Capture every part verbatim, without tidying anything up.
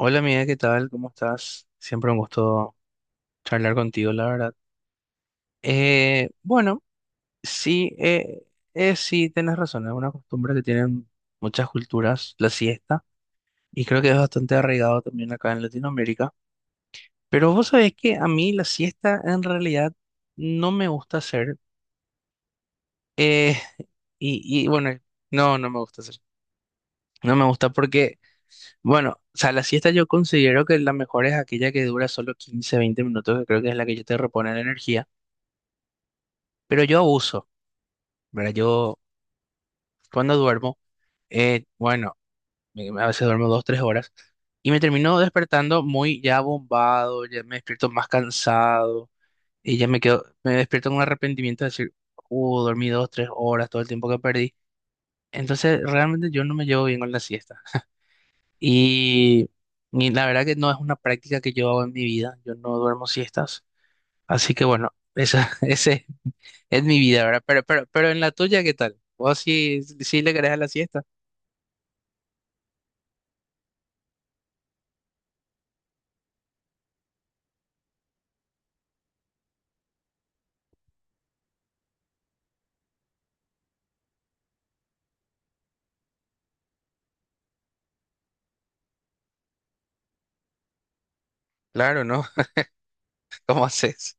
Hola amiga, ¿qué tal? ¿Cómo estás? Siempre un gusto charlar contigo, la verdad. Eh, bueno, sí, eh, eh, sí, tenés razón, es una costumbre que tienen muchas culturas, la siesta, y creo que es bastante arraigado también acá en Latinoamérica. Pero vos sabés que a mí la siesta en realidad no me gusta hacer, eh, y, y bueno, no, no me gusta hacer. No me gusta porque, bueno, o sea, la siesta yo considero que la mejor es aquella que dura solo quince, veinte minutos, que creo que es la que yo te repone la energía. Pero yo abuso, ¿verdad? Yo cuando duermo, eh, bueno, me- me- a veces duermo dos, tres horas y me termino despertando muy ya bombado, ya me despierto más cansado y ya me quedo, me despierto con un arrepentimiento de decir, uh, dormí dos, tres horas, todo el tiempo que perdí. Entonces, realmente yo no me llevo bien con la siesta. Y, y la verdad que no es una práctica que yo hago en mi vida, yo no duermo siestas. Así que bueno, esa, ese es mi vida, ¿verdad? Pero, pero, pero en la tuya, ¿qué tal? ¿Vos sí, sí le querés a la siesta? Claro, ¿no? ¿Cómo haces?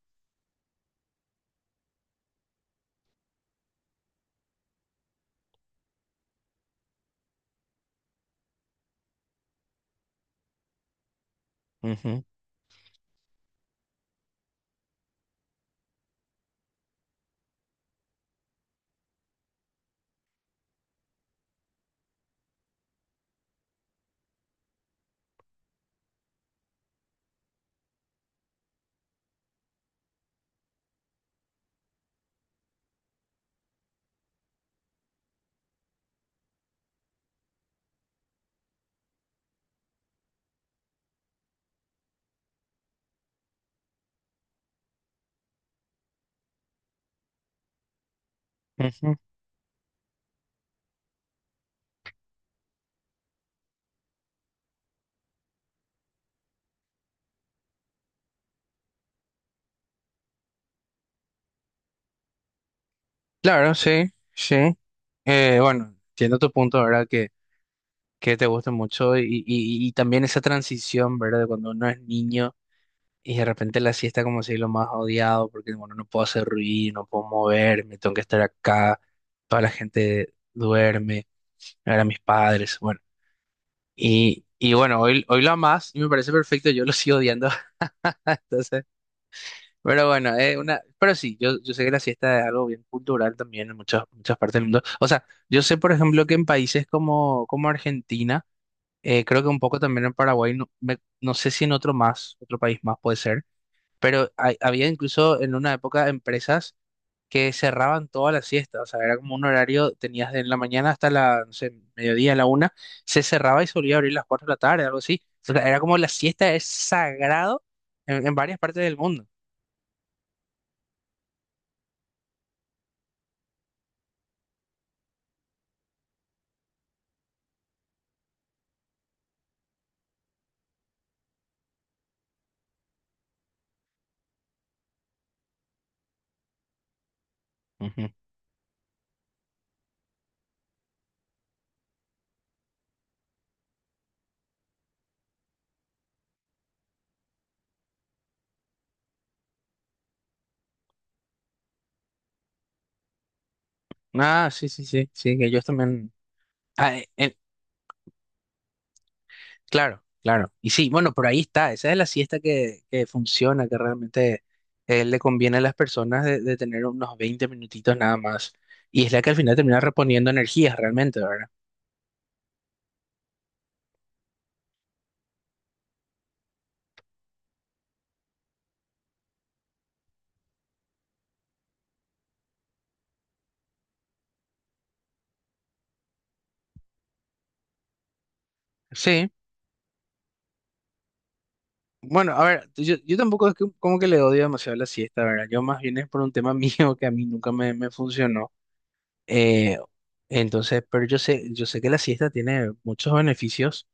Ujú, ujú. Claro, sí, sí. Eh, bueno, entiendo tu punto, ¿verdad? Que, que te gusta mucho y, y, y también esa transición, ¿verdad? De cuando uno es niño y de repente la siesta como si es lo más odiado porque, bueno, no puedo hacer ruido, no puedo moverme, tengo que estar acá, toda la gente duerme, ahora mis padres, bueno. Y, y bueno, hoy, hoy lo amas y me parece perfecto, yo lo sigo odiando. Entonces, pero bueno, eh, una, pero sí, yo, yo sé que la siesta es algo bien cultural también en muchas, muchas partes del mundo. O sea, yo sé, por ejemplo, que en países como, como Argentina, eh, creo que un poco también en Paraguay, no, me- no sé si en otro más, otro país más puede ser, pero hay- había incluso en una época empresas que cerraban toda la siesta. O sea, era como un horario, tenías de la mañana hasta la, no sé, mediodía, la una, se cerraba y solía abrir las cuatro de la tarde, algo así. O sea, era como la siesta es sagrado en en varias partes del mundo. Ah, sí, sí, sí, sí, que ellos también. Ah, eh, eh, claro, claro. Y sí, bueno, por ahí está. Esa es la siesta que, que funciona, que realmente eh, le conviene a las personas de, de tener unos veinte minutitos nada más. Y es la que al final termina reponiendo energías realmente, ¿verdad? Sí. Bueno, a ver, yo, yo tampoco es que, como que le odio demasiado la siesta, ¿verdad? Yo más bien es por un tema mío que a mí nunca me, me funcionó. Eh, entonces, pero yo sé, yo sé que la siesta tiene muchos beneficios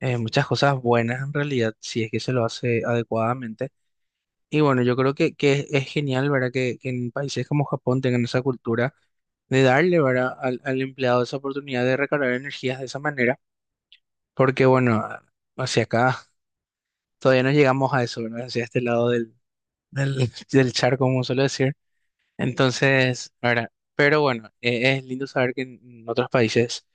eh, muchas cosas buenas en realidad, si es que se lo hace adecuadamente. Y bueno, yo creo que, que es, es genial, ¿verdad? Que, que en países como Japón tengan esa cultura de darle, ¿verdad? Al, al empleado esa oportunidad de recargar energías de esa manera, porque bueno, hacia acá todavía no llegamos a eso, ¿verdad? Hacia este lado del, del, del charco, como suelo decir. Entonces, ahora, pero bueno, eh, es lindo saber que en en otros países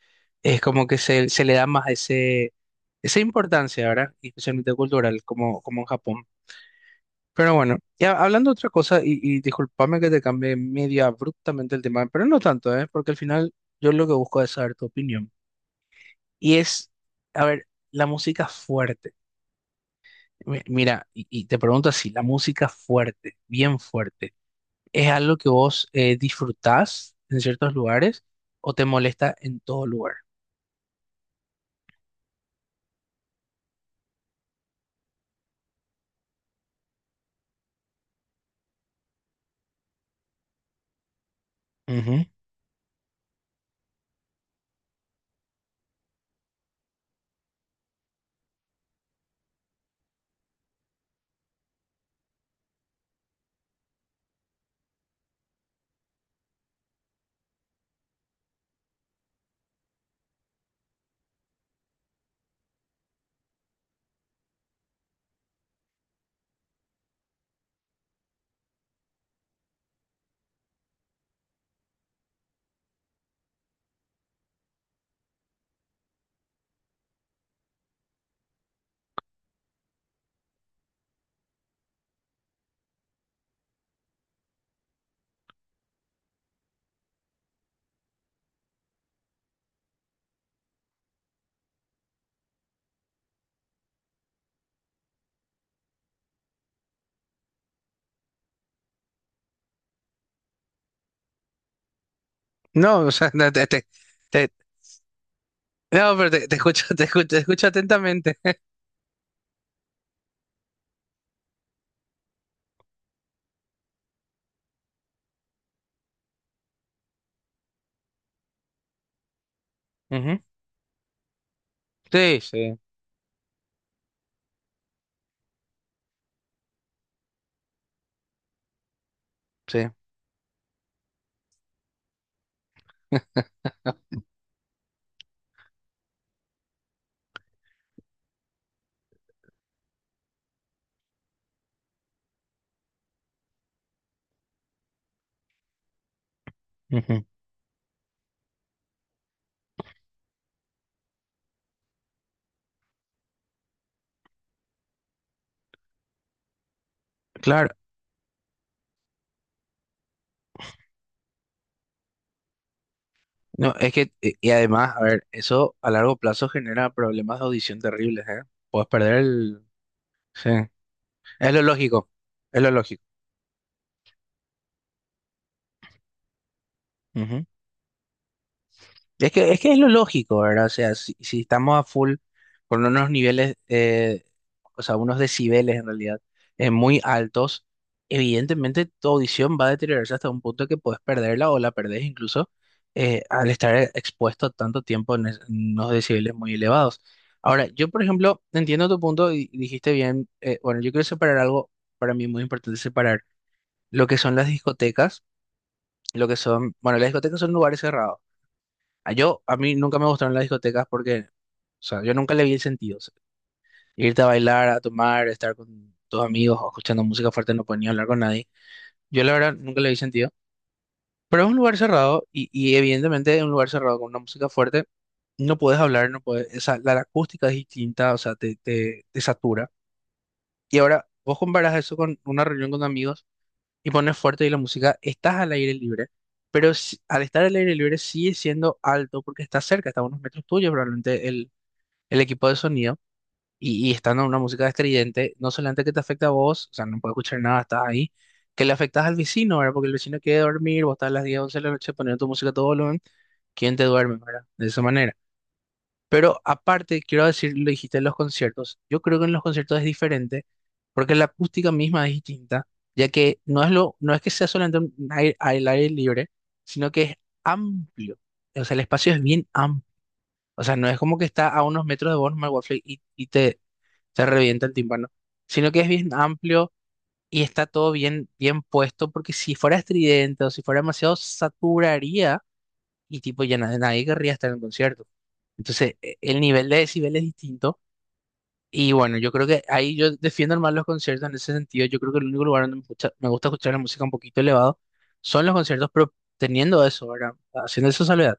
es como que se, se le da más ese, esa importancia, ¿verdad? Y especialmente cultural, como, como en Japón. Pero bueno, ya hablando de otra cosa, y, y discúlpame que te cambie medio abruptamente el tema, pero no tanto, ¿eh? Porque al final yo lo que busco es saber tu opinión. Y es, a ver, la música fuerte. Mi- Mira, y, y te pregunto así, la música fuerte, bien fuerte. ¿Es algo que vos eh, disfrutás en ciertos lugares o te molesta en todo lugar? Ujú. No, o sea, no, te, te- te- no, pero te, te escucho, te escucho, te escucho atentamente. Ujú. Sí, sí, sí. Ujú. Claro. No, es que, eh, y además, a ver, eso a largo plazo genera problemas de audición terribles, ¿eh? Puedes perder el... Sí. Es lo lógico, es lo lógico. Es que, es que es lo lógico, ¿verdad? O sea, si, si estamos a full con unos niveles, eh, o sea, unos decibeles en realidad, eh, muy altos, evidentemente tu audición va a deteriorarse hasta un punto que puedes perderla o la perdés incluso eh, al estar expuesto tanto tiempo en, es- en unos decibeles muy elevados. Ahora, yo, por ejemplo, entiendo tu punto y y dijiste bien, eh, bueno, yo quiero separar algo, para mí muy importante separar lo que son las discotecas, lo que son, bueno, las discotecas son lugares cerrados. A- Yo, a mí nunca me gustaron las discotecas porque, o sea, yo nunca le vi el sentido. O sea, irte a bailar, a tomar, estar con tus amigos, o escuchando música fuerte, no podía hablar con nadie. Yo, la verdad, nunca le vi sentido. Pero es un lugar cerrado y, y evidentemente, en un lugar cerrado con una música fuerte, no puedes hablar, no puedes, esa, la, la acústica es distinta, o sea, te, te, te satura. Y ahora, vos comparas eso con una reunión con amigos y pones fuerte y la música, estás al aire libre. Pero si- al estar al aire libre sigue siendo alto porque está cerca, está a unos metros tuyos probablemente el equipo de sonido y, y estando en una música estridente, no solamente que te afecta a vos, o sea, no puedes escuchar nada, estás ahí, que le afectas al vecino, ¿verdad? Porque el vecino quiere dormir, vos estás a las diez once de la noche poniendo tu música a todo volumen, ¿quién te duerme, ¿verdad? De esa manera. Pero aparte, quiero decir, lo dijiste en los conciertos, yo creo que en los conciertos es diferente porque la acústica misma es distinta, ya que no es, lo, no es que sea solamente un aire, al aire libre, sino que es amplio, o sea, el espacio es bien amplio, o sea, no es como que está a unos metros de vos, nomás el Warframe, y, y te, te revienta el tímpano, sino que es bien amplio y está todo bien, bien puesto, porque si fuera estridente o si fuera demasiado, saturaría y tipo ya na- nadie querría estar en el concierto. Entonces, e- el nivel de decibel es distinto. Y bueno, yo creo que ahí yo defiendo más los conciertos en ese sentido. Yo creo que el único lugar donde me, escucha- me gusta escuchar la música un poquito elevado son los conciertos, pero teniendo eso, ¿verdad? Haciendo esa salvedad.